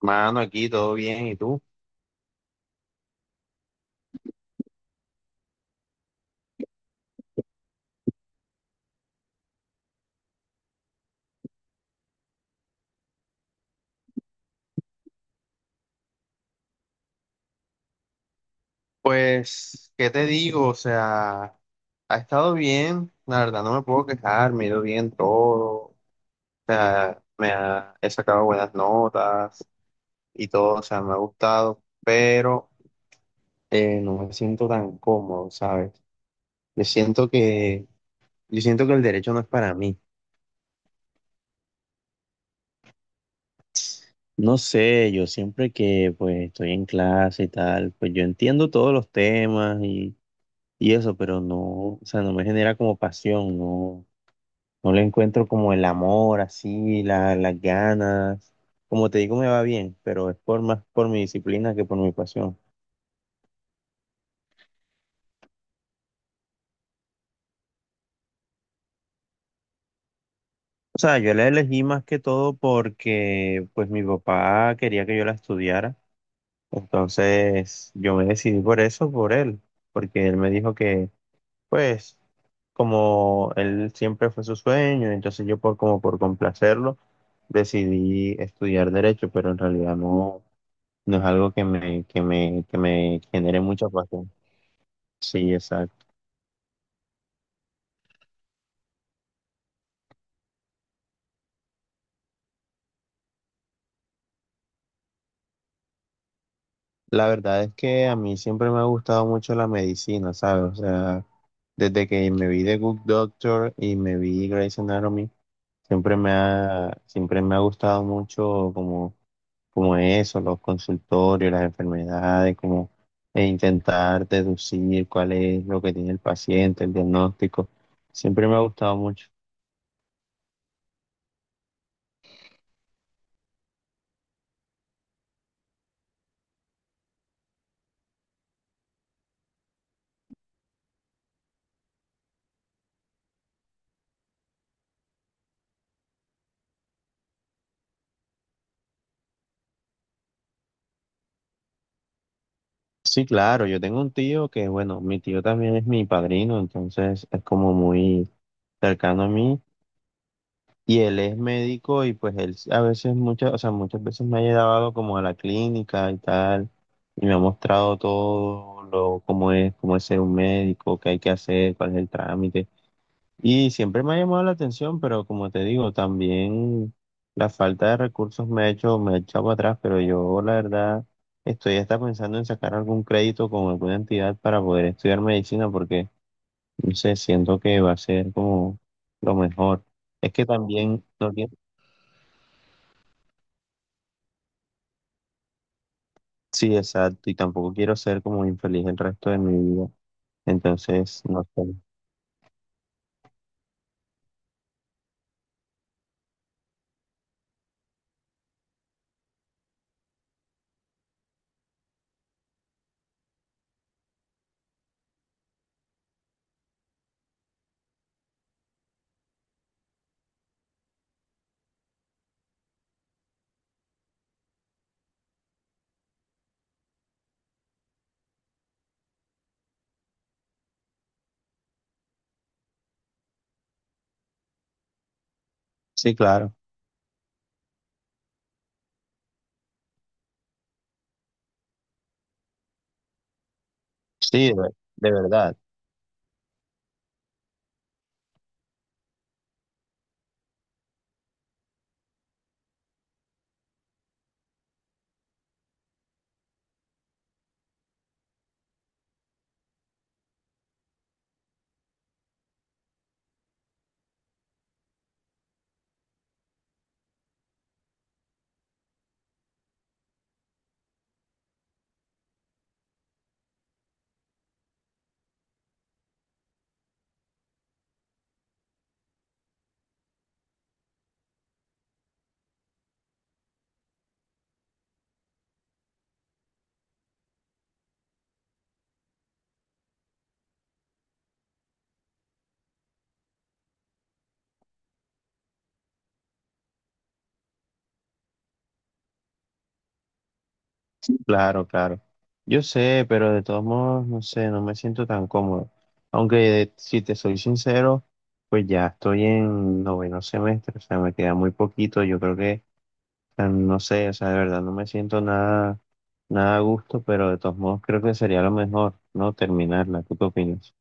Mano, aquí todo bien, ¿y tú? Pues, ¿qué te digo? O sea, ha estado bien, la verdad no me puedo quejar, me ha ido bien todo, o sea, he sacado buenas notas y todo, o sea, me ha gustado, pero no me siento tan cómodo, ¿sabes? Yo siento que, yo siento que el derecho no es para mí. No sé, yo siempre que pues estoy en clase y tal, pues yo entiendo todos los temas y eso, pero no, o sea, no me genera como pasión, no. No le encuentro como el amor, así, las ganas. Como te digo, me va bien, pero es por más por mi disciplina que por mi pasión. O sea, yo la elegí más que todo porque pues mi papá quería que yo la estudiara. Entonces yo me decidí por eso, por él, porque él me dijo que pues como él siempre fue su sueño, entonces yo por como por complacerlo decidí estudiar derecho, pero en realidad no. No es algo que me genere mucha pasión. Sí, exacto. La verdad es que a mí siempre me ha gustado mucho la medicina, ¿sabes? O sea, desde que me vi The Good Doctor y me vi Grey's Anatomy, siempre me ha gustado mucho como, como eso, los consultorios, las enfermedades, como e intentar deducir cuál es lo que tiene el paciente, el diagnóstico. Siempre me ha gustado mucho. Sí, claro, yo tengo un tío que, bueno, mi tío también es mi padrino, entonces es como muy cercano a mí y él es médico y pues él a veces muchas veces me ha llevado como a la clínica y tal y me ha mostrado todo lo cómo es ser un médico, qué hay que hacer, cuál es el trámite. Y siempre me ha llamado la atención, pero como te digo, también la falta de recursos me ha hecho, me ha echado para atrás, pero yo la verdad estoy hasta pensando en sacar algún crédito con alguna entidad para poder estudiar medicina, porque no sé, siento que va a ser como lo mejor. Es que también no quiero, sí, exacto, y tampoco quiero ser como infeliz el resto de mi vida. Entonces, no sé. Sí, claro. Sí, de verdad. Claro, claro. Yo sé, pero de todos modos, no sé, no me siento tan cómodo. Aunque si te soy sincero, pues ya estoy en noveno semestre, o sea, me queda muy poquito. Yo creo que, o sea, no sé, o sea, de verdad no me siento nada a gusto, pero de todos modos creo que sería lo mejor, ¿no? Terminarla. ¿Tú qué opinas?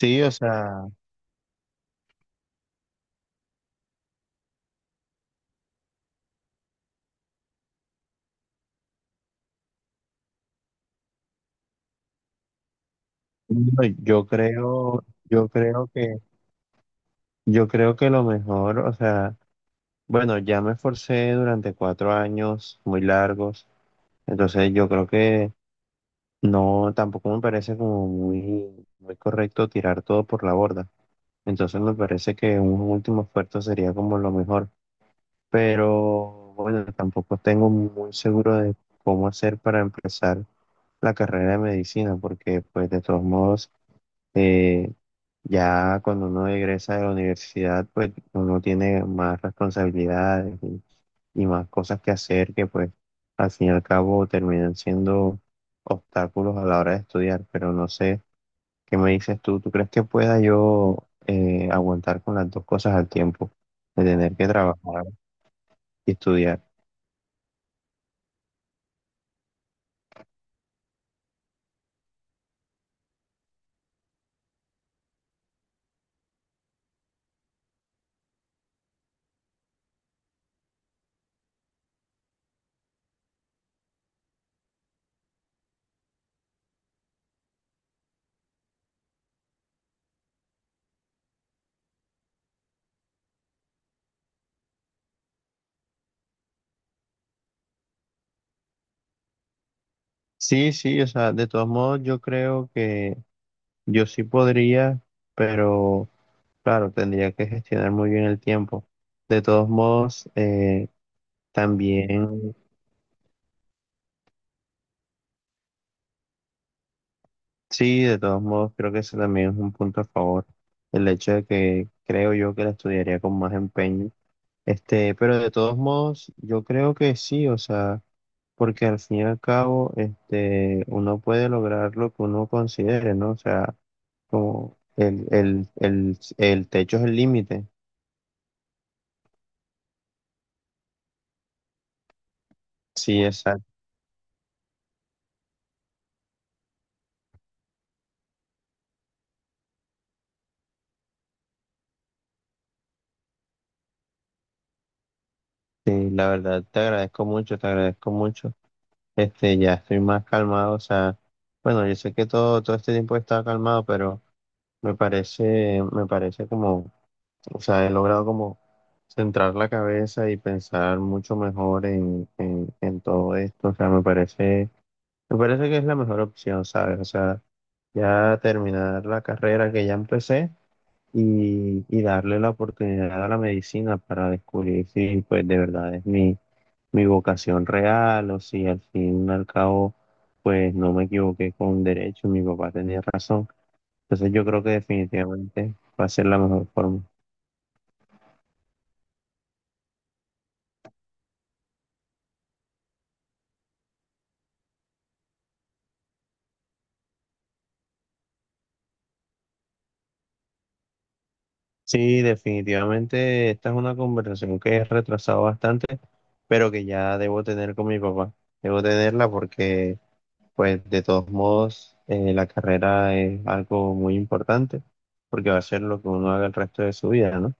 Sí, o sea, no, yo creo que lo mejor, o sea, bueno, ya me esforcé durante cuatro años muy largos. Entonces yo creo que no, tampoco me parece como muy, muy correcto tirar todo por la borda. Entonces me parece que un último esfuerzo sería como lo mejor. Pero bueno, tampoco tengo muy seguro de cómo hacer para empezar la carrera de medicina, porque pues de todos modos, eh, ya cuando uno egresa de la universidad, pues uno tiene más responsabilidades y más cosas que hacer que pues al fin y al cabo terminan siendo obstáculos a la hora de estudiar. Pero no sé, ¿qué me dices tú? ¿Tú crees que pueda yo aguantar con las dos cosas al tiempo? De tener que trabajar y estudiar. Sí, sí, o sea, de todos modos yo creo que yo sí podría, pero... Claro, tendría que gestionar muy bien el tiempo. De todos modos, también, sí, de todos modos, creo que ese también es un punto a favor. El hecho de que creo yo que la estudiaría con más empeño. Este, pero de todos modos, yo creo que sí, o sea, porque al fin y al cabo, este, uno puede lograr lo que uno considere, ¿no? O sea, como el techo es el límite. Sí, exacto. Sí, la verdad, te agradezco mucho, te agradezco mucho. Este, ya estoy más calmado, o sea, bueno, yo sé que todo este tiempo he estado calmado, pero me parece como, o sea, he logrado como centrar la cabeza y pensar mucho mejor en, en todo esto, o sea, me parece que es la mejor opción, ¿sabes? O sea, ya terminar la carrera que ya empecé y darle la oportunidad a la medicina para descubrir si pues de verdad es mi, mi vocación real o si al fin y al cabo pues no me equivoqué con derecho, mi papá tenía razón. Entonces yo creo que definitivamente va a ser la mejor forma. Sí, definitivamente esta es una conversación que he retrasado bastante, pero que ya debo tener con mi papá. Debo tenerla porque pues de todos modos, la carrera es algo muy importante porque va a ser lo que uno haga el resto de su vida, ¿no?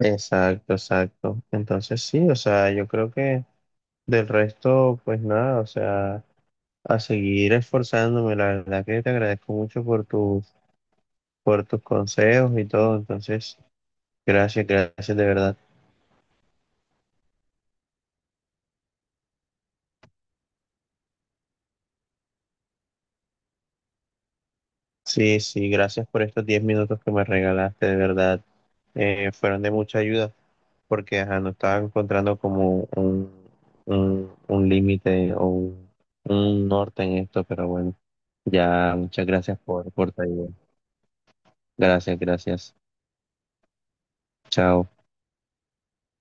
Exacto, exacto. Entonces sí, o sea, yo creo que del resto, pues nada, o sea, a seguir esforzándome. La verdad que te agradezco mucho por tus consejos y todo. Entonces, gracias, gracias de verdad. Sí, sí, gracias por estos 10 minutos que me regalaste, de verdad. Fueron de mucha ayuda. Porque ajá, no estaba encontrando como un límite o un norte en esto, pero bueno, ya muchas gracias por tu ayuda. Gracias, gracias. Chao.